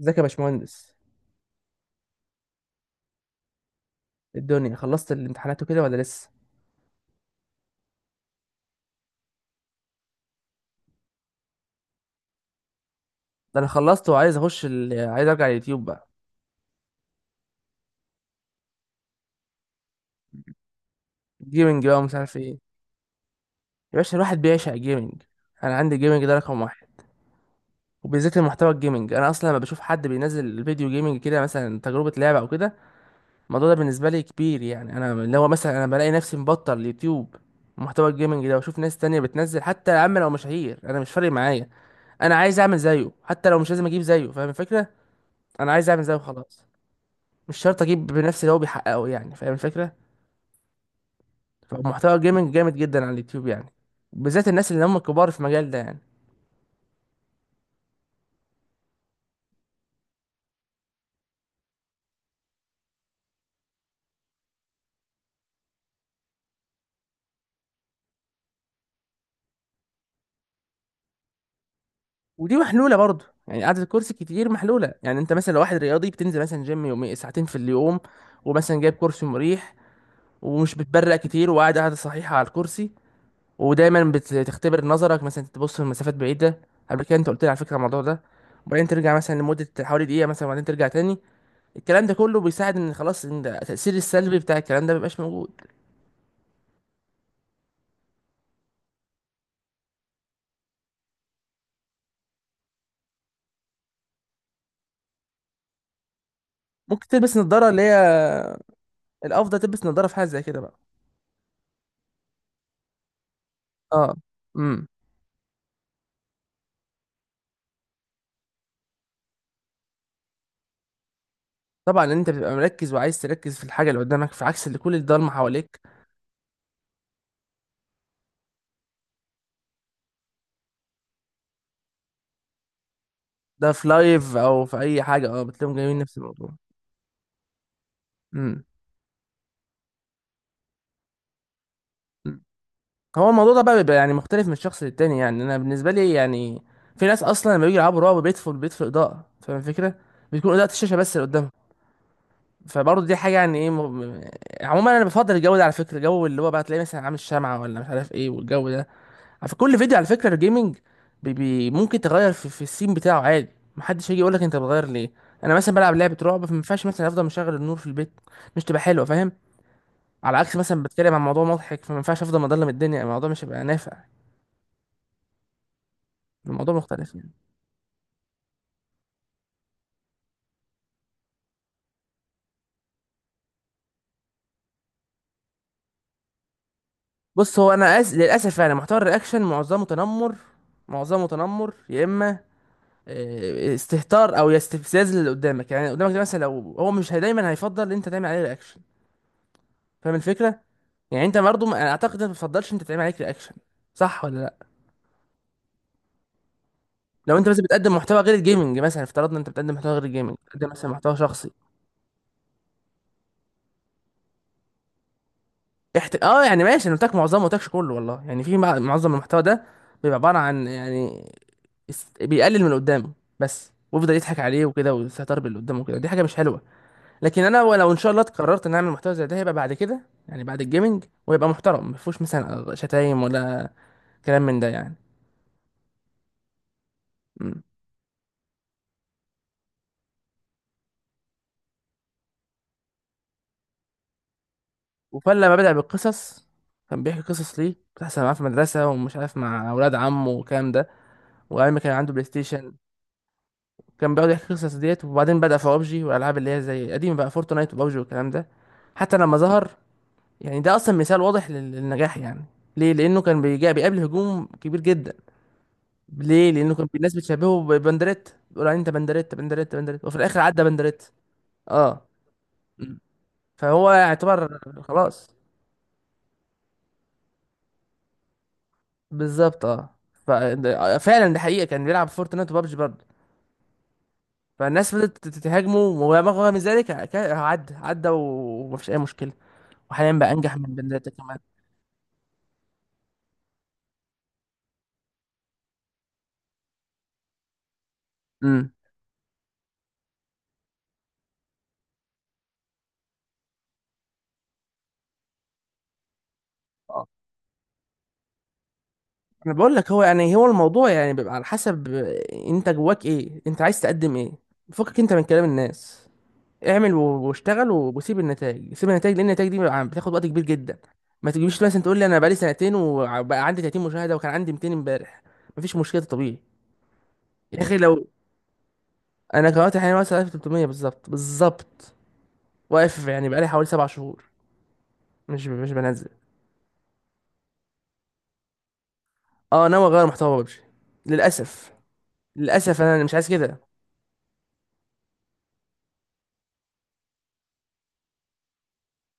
ازيك يا باشمهندس؟ إيه الدنيا، خلصت الامتحانات وكده ولا لسه؟ ده انا خلصت وعايز اخش عايز ارجع اليوتيوب بقى. جيمنج بقى ومش عارف ايه. يا باشا الواحد بيعشق جيمنج، انا عندي جيمنج ده رقم واحد. وبالذات المحتوى الجيمنج، انا اصلا لما بشوف حد بينزل فيديو جيمنج كده، مثلا تجربه لعبه او كده، الموضوع ده بالنسبه لي كبير. يعني انا اللي هو مثلا انا بلاقي نفسي مبطل اليوتيوب محتوى الجيمنج ده واشوف ناس تانية بتنزل، حتى يا عم لو مشاهير انا مش فارق معايا، انا عايز اعمل زيه، حتى لو مش لازم اجيب زيه، فاهم الفكره، انا عايز اعمل زيه خلاص. مش شرط اجيب بنفس اللي هو بيحققه، يعني فاهم الفكره. فمحتوى الجيمنج جامد جدا على اليوتيوب يعني، بالذات الناس اللي هم كبار في المجال ده يعني. ودي محلوله برضه، يعني قعده الكرسي كتير محلوله، يعني انت مثلا لو واحد رياضي بتنزل مثلا جيم يومي ساعتين في اليوم، ومثلا جايب كرسي مريح، ومش بتبرق كتير، وقاعد قاعده صحيحه على الكرسي، ودايما بتختبر نظرك، مثلا تبص لمسافات بعيده قبل كده، انت قلت لي على فكره الموضوع ده، وبعدين ترجع مثلا لمده حوالي دقيقه مثلا، وبعدين ترجع تاني. الكلام ده كله بيساعد ان خلاص ان التاثير السلبي بتاع الكلام ده مبيبقاش موجود. ممكن تلبس نظارة اللي هي الأفضل تلبس نظارة، في حاجة زي كده بقى. اه. امم طبعا لأن انت بتبقى مركز، وعايز تركز في الحاجة اللي قدامك، في عكس اللي كل الضلمة حواليك. ده في لايف او في اي حاجة، اه، بتلاقيهم جايبين نفس الموضوع. امم أمم. هو الموضوع ده بقى بيبقى يعني مختلف من شخص للتاني، يعني انا بالنسبة لي يعني في ناس اصلا لما بيجوا يلعبوا رعب بيطفوا البيت في اضاءة، فاهم الفكرة؟ بتكون اضاءة الشاشة بس اللي قدامهم. فبرضه دي حاجة، يعني ايه عموما انا بفضل الجو ده، على فكرة الجو اللي هو بقى تلاقيه مثلا عامل شمعة ولا مش عارف ايه، والجو ده في كل فيديو، على فكرة الجيمنج. بي بي ممكن تغير في السين بتاعه عادي، محدش هيجي يقولك انت بتغير ليه. انا مثلا بلعب لعبة رعب، فما ينفعش مثلا افضل مشغل النور في البيت، مش تبقى حلوة، فاهم؟ على عكس مثلا بتكلم عن موضوع مضحك، فما ينفعش افضل مضلم الدنيا، الموضوع مش هيبقى نافع، الموضوع مختلف يعني. بص هو انا للاسف يعني محتوى الرياكشن معظمه تنمر، معظمه تنمر، يا اما آه، استهتار او استفزاز اللي قدامك، يعني اللي قدامك ده مثلا لو هو مش هي- دايما هيفضل ان انت تعمل عليه رياكشن، فاهم الفكره؟ يعني انت برضه اعتقد انت ما بتفضلش انت تعمل عليك رياكشن، صح ولا لا؟ لو انت مثلا بتقدم محتوى غير الجيمنج، مثلا افترضنا انت بتقدم محتوى غير الجيمنج، بتقدم مثلا محتوى شخصي. اه يعني ماشي، انا قلت لك معظمه، ما قلتلكش كله، والله يعني في معظم المحتوى ده بيبقى عباره عن يعني بيقلل من اللي قدامه بس، ويفضل يضحك عليه وكده، ويستهتر باللي قدامه وكده، دي حاجه مش حلوه. لكن انا لو ان شاء الله قررت ان اعمل محتوى زي ده، هيبقى بعد كده، يعني بعد الجيمنج، ويبقى محترم ما فيهوش مثلا شتايم ولا كلام من ده يعني. وفلما بدأ بالقصص، كان بيحكي قصص ليه بتحصل معاه في المدرسة ومش عارف مع أولاد عمه والكلام ده، وعمي كان عنده بلاي ستيشن، كان بيقعد يحكي القصص ديت، وبعدين بدأ في بابجي والألعاب اللي هي زي قديمة بقى، فورتنايت وبابجي والكلام ده، حتى لما ظهر، يعني ده أصلا مثال واضح للنجاح يعني. ليه؟ لأنه كان بيجا بيقابل هجوم كبير جدا. ليه؟ لأنه كان الناس بتشبهه ببندريت، بيقول عليه أنت بندريت بندريت بندريت، وفي الآخر عدى بندريت. اه. م. فهو يعتبر خلاص. بالظبط اه. فعلا ده حقيقه، كان بيلعب فورتنايت وبابجي برضه. فالناس فضلت تهاجمه، ورغم من ذلك عدى عدى، ومفيش اي مشكله، وحاليا بقى انجح من بنداتا كمان. امم اه انا بقول لك، هو يعني هو الموضوع يعني بيبقى على حسب انت جواك ايه، انت عايز تقدم ايه. فكك انت من كلام الناس، اعمل واشتغل وسيب النتائج، سيب النتائج، لان النتائج دي بيبقى بتاخد وقت كبير جدا. ما تجيش مثلا تقول لي انا بقالي سنتين وبقى عندي 30 مشاهده وكان عندي 200 امبارح، مفيش مشكله، طبيعي. يا اخي لو انا دلوقتي حاليا واصل 1300 بالظبط بالظبط، واقف يعني بقالي حوالي سبع شهور، مش مش بنزل. اه ناوي اغير محتوى ببجي للاسف. للاسف انا مش عايز كده،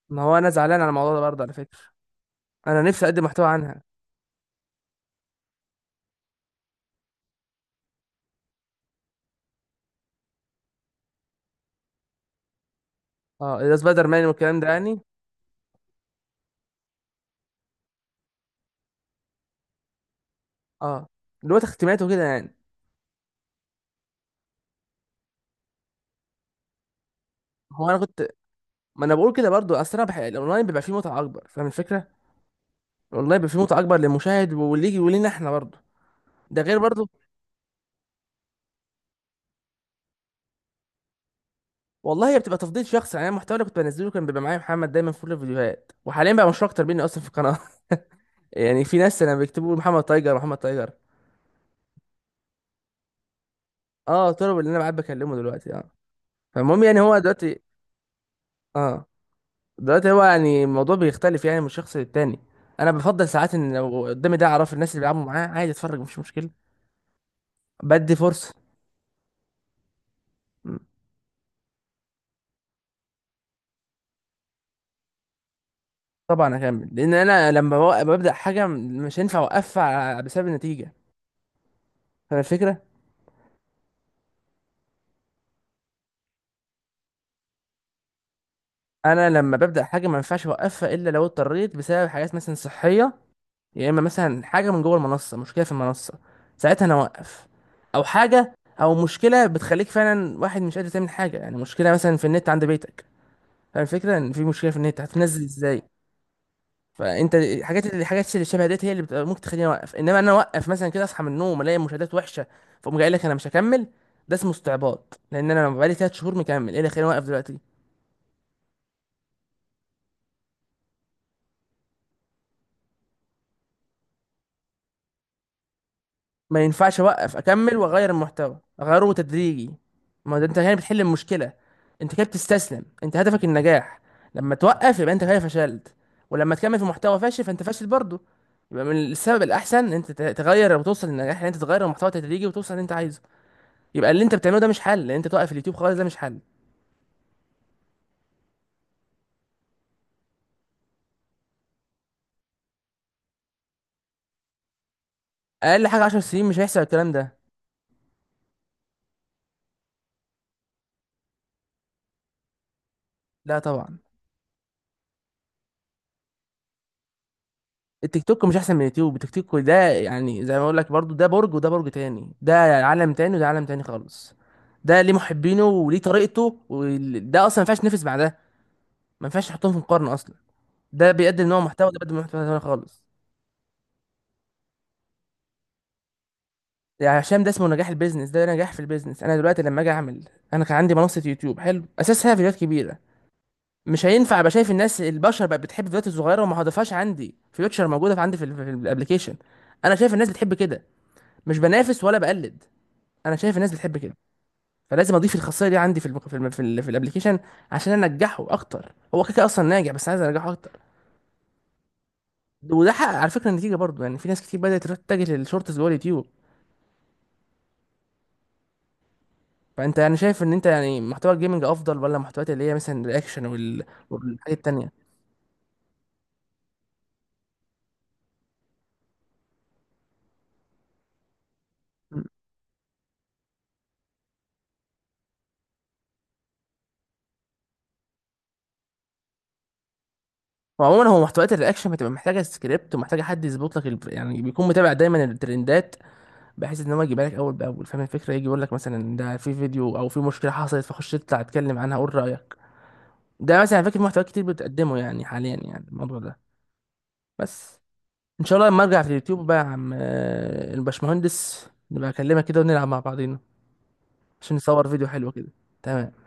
ما هو انا زعلان على الموضوع ده برضه على فكره، انا نفسي اقدم محتوى عنها. اه اذا سبايدر مان والكلام ده يعني. اه اللي هو تختيمات وكده يعني. هو انا كنت، ما انا بقول كده برضه، اصل انا الاونلاين بيبقى فيه متعه اكبر، فاهم الفكره؟ الاونلاين بيبقى فيه متعه اكبر للمشاهد واللي يجي ولينا احنا برضه. ده غير برضه، والله هي بتبقى تفضيل شخصي، يعني أنا المحتوى اللي كنت بنزله كان بيبقى معايا محمد دايما في كل الفيديوهات، وحاليا بقى مشهور اكتر مني اصلا في القناه. يعني في ناس انا بيكتبوا محمد تايجر، محمد تايجر. اه طلب اللي انا قاعد بكلمه دلوقتي اه. فالمهم يعني هو دلوقتي. اه دلوقتي هو يعني الموضوع بيختلف يعني من شخص للتاني. انا بفضل ساعات ان لو قدامي ده اعرف الناس اللي بيلعبوا معاه، عادي اتفرج مش مشكله. بدي فرصه. م. طبعا اكمل، لان انا لما ببدا حاجه مش هينفع اوقفها بسبب النتيجه، فاهم الفكره؟ انا لما ببدا حاجه ما ينفعش اوقفها، الا لو اضطريت بسبب حاجات مثلا صحيه، يا اما مثلا حاجه من جوه المنصه، مشكله في المنصه، ساعتها انا اوقف. او حاجه او مشكله بتخليك فعلا واحد مش قادر تعمل حاجه، يعني مشكله مثلا في النت عند بيتك، فاهم الفكره؟ ان في مشكله في النت، هتنزل ازاي؟ فانت الحاجات اللي الحاجات اللي شبه ديت هي اللي بتبقى ممكن تخليني اوقف، انما انا اوقف مثلا كده اصحى من النوم الاقي مشاهدات وحشه فاقوم جاي قايل لك انا مش هكمل، ده اسمه استعباط، لان انا بقالي ثلاث شهور مكمل، ايه اللي خليني اوقف دلوقتي؟ ما ينفعش، اوقف اكمل واغير المحتوى، اغيره تدريجي. ما ده انت هنا بتحل المشكله، انت كده بتستسلم، انت هدفك النجاح، لما توقف يبقى انت كده فشلت، ولما تكمل في محتوى فاشل فانت فاشل برضه. يبقى من السبب الاحسن ان انت تغير وتوصل للنجاح، ان انت تغير المحتوى تدريجي وتوصل اللي انت عايزه. يبقى اللي انت بتعمله ده مش حل، ان انت توقف اليوتيوب خالص ده مش حل. اقل حاجه 10 سنين مش هيحصل الكلام ده. لا طبعا. التيك توك مش احسن من اليوتيوب، التيك توك ده يعني زي ما اقول لك برضو، ده برج وده برج تاني، ده عالم تاني وده عالم تاني خالص، ده ليه محبينه وليه طريقته، وده اصلا ما ينفعش ينافس مع ده، ما ينفعش تحطهم في مقارنه اصلا، ده بيقدم نوع محتوى وده بيقدم نوع محتوى تاني خالص. يعني هشام ده اسمه نجاح البيزنس، ده نجاح في البيزنس. انا دلوقتي لما اجي اعمل، انا كان عندي منصه يوتيوب حلو اساسها فيديوهات كبيره، مش هينفع ابقى شايف الناس البشر بقت بتحب الفيديوهات الصغيره وما هضيفهاش عندي، فيوتشر موجوده في عندي في الابلكيشن، انا شايف الناس بتحب كده، مش بنافس ولا بقلد، انا شايف الناس بتحب كده. فلازم اضيف الخاصيه دي عندي في الابليكيشن عشان انجحه اكتر، هو كده كده اصلا ناجح بس عايز انجحه اكتر. وده حقق على فكره النتيجه برضو، يعني في ناس كتير بدات تروح تتجه للشورتس جوه اليوتيوب. فانت يعني شايف ان انت يعني محتوى الجيمنج افضل، ولا محتويات اللي هي مثلا الرياكشن والحاجات التانيه؟ م. وعموما هو محتويات الرياكشن بتبقى محتاجه سكريبت، ومحتاجه حد يظبط لك ال... يعني بيكون متابع دايما الترندات، بحيث ان هو يجيبها لك اول باول، فاهم الفكره؟ يجي يقول لك مثلا ده في فيديو او في مشكله حصلت، فخش اطلع اتكلم عنها قول رايك. ده مثلا فاكر محتوى كتير بتقدمه يعني حاليا يعني الموضوع ده بس. ان شاء الله لما ارجع في اليوتيوب بقى يا عم آه، الباشمهندس نبقى اكلمك كده ونلعب مع بعضينا، عشان نصور فيديو حلو كده. تمام.